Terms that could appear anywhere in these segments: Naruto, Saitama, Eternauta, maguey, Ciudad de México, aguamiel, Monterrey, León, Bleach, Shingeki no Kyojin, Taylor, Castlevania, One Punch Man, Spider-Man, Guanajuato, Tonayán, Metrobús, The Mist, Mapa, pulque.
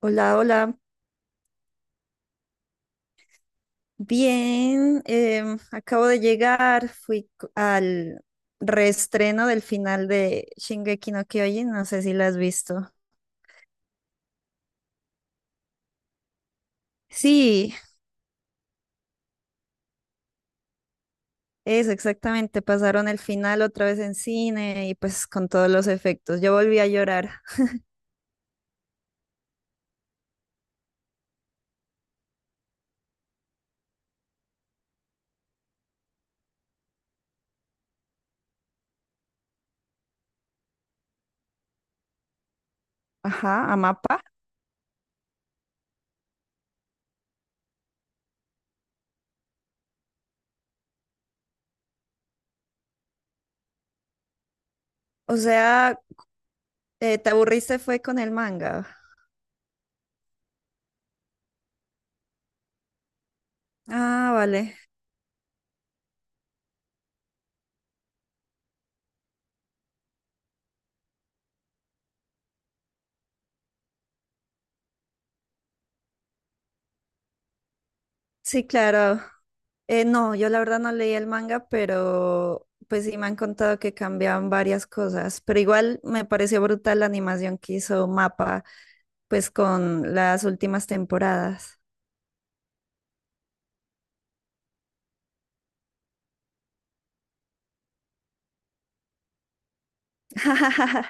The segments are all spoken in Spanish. Hola, hola. Bien, acabo de llegar. Al reestreno del final de Shingeki no Kyojin. No sé si la has visto. Sí, eso exactamente. Pasaron el final otra vez en cine y pues con todos los efectos. Yo volví a llorar. Ajá, a mapa. O sea, ¿te aburriste fue con el manga? Ah, vale. Sí, claro. No, yo la verdad no leí el manga, pero pues sí me han contado que cambiaban varias cosas, pero igual me pareció brutal la animación que hizo Mapa, pues con las últimas temporadas.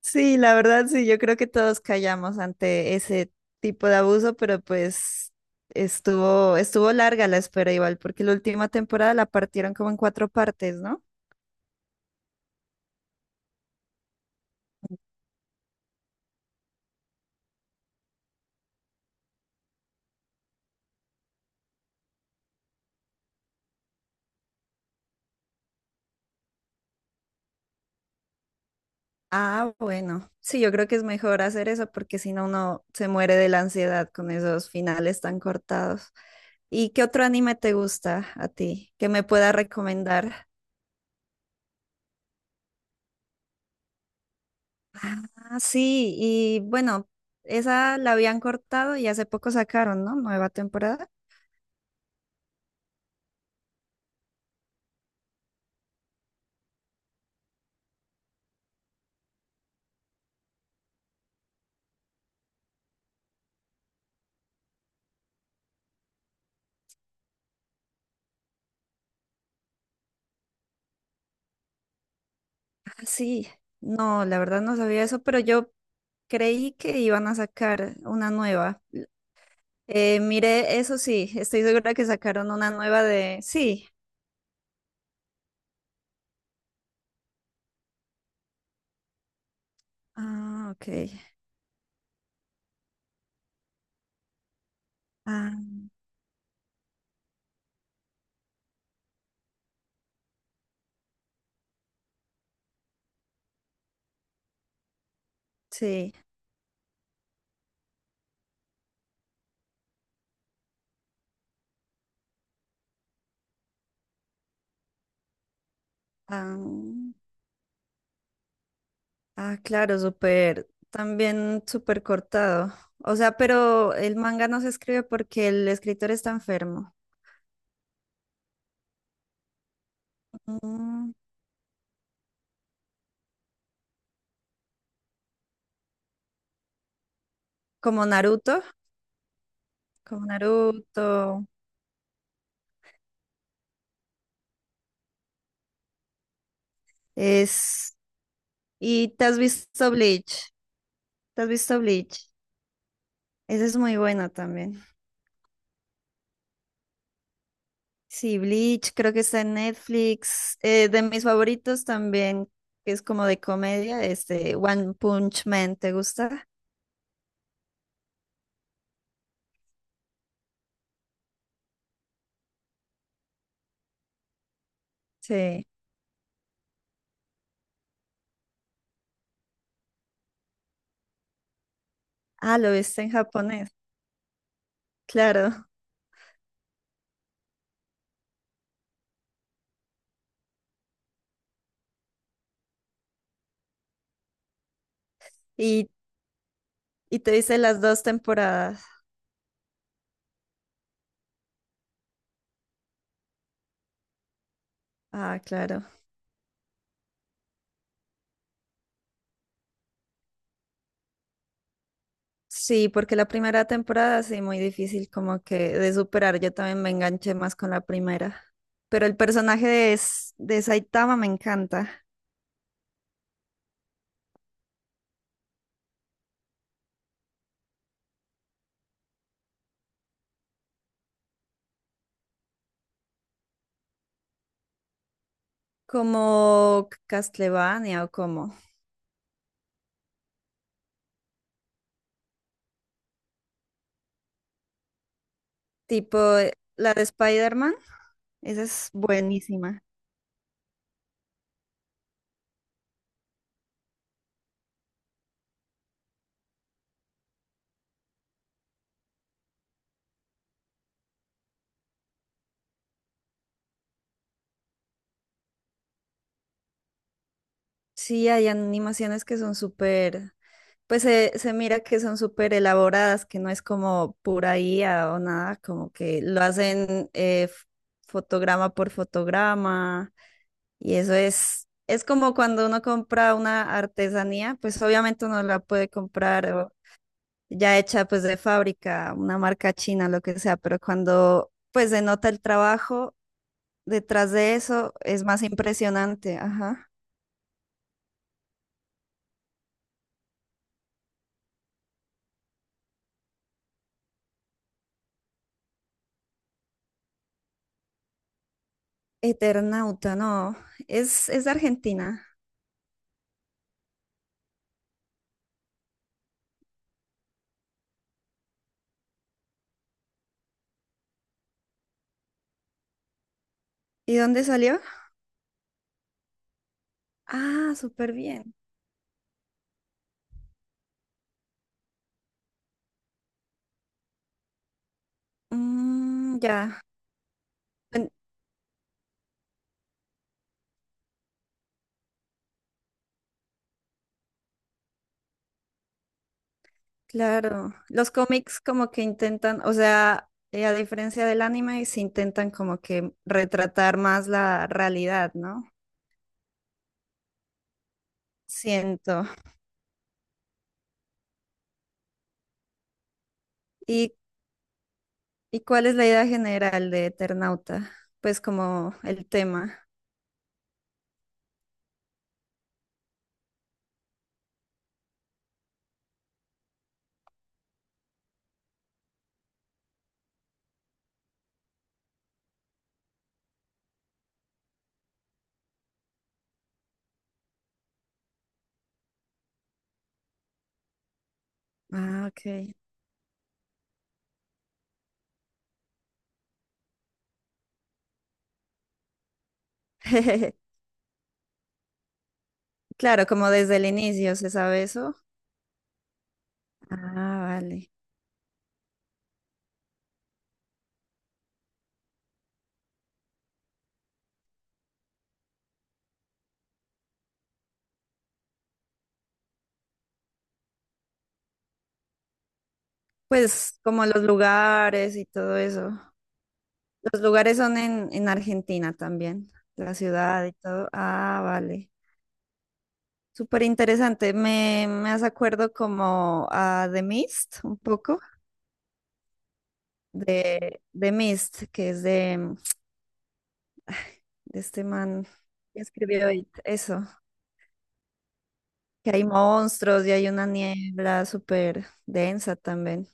Sí, la verdad sí, yo creo que todos callamos ante ese tipo de abuso, pero pues estuvo larga la espera igual, porque la última temporada la partieron como en cuatro partes, ¿no? Ah, bueno. Sí, yo creo que es mejor hacer eso porque si no, uno se muere de la ansiedad con esos finales tan cortados. ¿Y qué otro anime te gusta a ti que me pueda recomendar? Ah, sí, y bueno, esa la habían cortado y hace poco sacaron, ¿no? Nueva temporada. Ah, sí. No, la verdad no sabía eso, pero yo creí que iban a sacar una nueva. Mire, eso sí, estoy segura que sacaron una nueva de... Sí. Ah, ok. Ah, sí, ah, ah, claro, súper, también súper cortado. O sea, pero el manga no se escribe porque el escritor está enfermo. Mm, como Naruto, como Naruto. Es... ¿Y te has visto Bleach? ¿Te has visto Bleach? Esa es muy buena también. Sí, Bleach, creo que está en Netflix. De mis favoritos también, que es como de comedia, este One Punch Man, ¿te gusta? Sí. Ah, lo viste en japonés. Claro. Y, y te dice las dos temporadas. Ah, claro. Sí, porque la primera temporada sí, muy difícil como que de superar. Yo también me enganché más con la primera. Pero el personaje de, de Saitama me encanta. Como Castlevania o como. Tipo la de Spider-Man. Esa es buenísima. Sí, hay animaciones que son súper. Pues se mira que son súper elaboradas, que no es como pura I a o nada, como que lo hacen fotograma por fotograma, y eso es como cuando uno compra una artesanía, pues obviamente uno la puede comprar o ya hecha pues de fábrica, una marca china, lo que sea, pero cuando pues se nota el trabajo detrás de eso es más impresionante, ajá. Eternauta, no, es de Argentina. ¿Y dónde salió? Ah, súper bien. Mm, ya, en claro. Los cómics como que intentan, o sea, a diferencia del anime, se intentan como que retratar más la realidad, ¿no? Siento. ¿Y, y cuál es la idea general de Eternauta? Pues como el tema. Ah, ok. Claro, como desde el inicio se sabe eso. Ah, vale. Pues como los lugares y todo eso. Los lugares son en Argentina también, la ciudad y todo. Ah, vale. Súper interesante. Me hace acuerdo como a The Mist, un poco, de The Mist, que es de, de este man que escribió It, eso, que hay monstruos y hay una niebla súper densa también.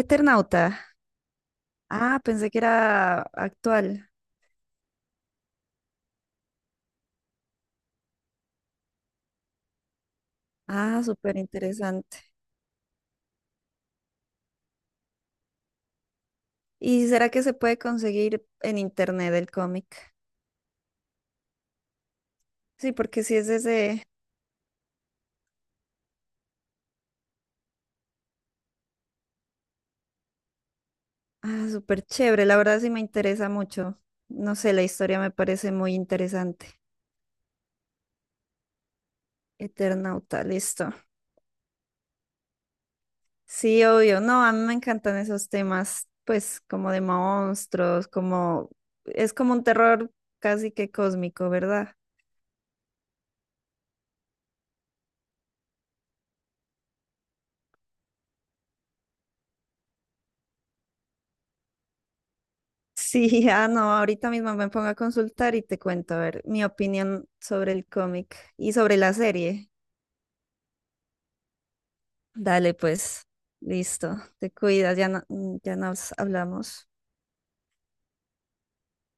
Eternauta. Ah, pensé que era actual. Ah, súper interesante. ¿Y será que se puede conseguir en internet el cómic? Sí, porque sí es ese, ah, súper chévere, la verdad sí me interesa mucho. No sé, la historia me parece muy interesante. Eternauta, listo. Sí, obvio, no, a mí me encantan esos temas, pues como de monstruos, como es como un terror casi que cósmico, ¿verdad? Sí, ah, no, ahorita mismo me pongo a consultar y te cuento, a ver, mi opinión sobre el cómic y sobre la serie. Dale, pues, listo, te cuidas, ya no- ya nos hablamos.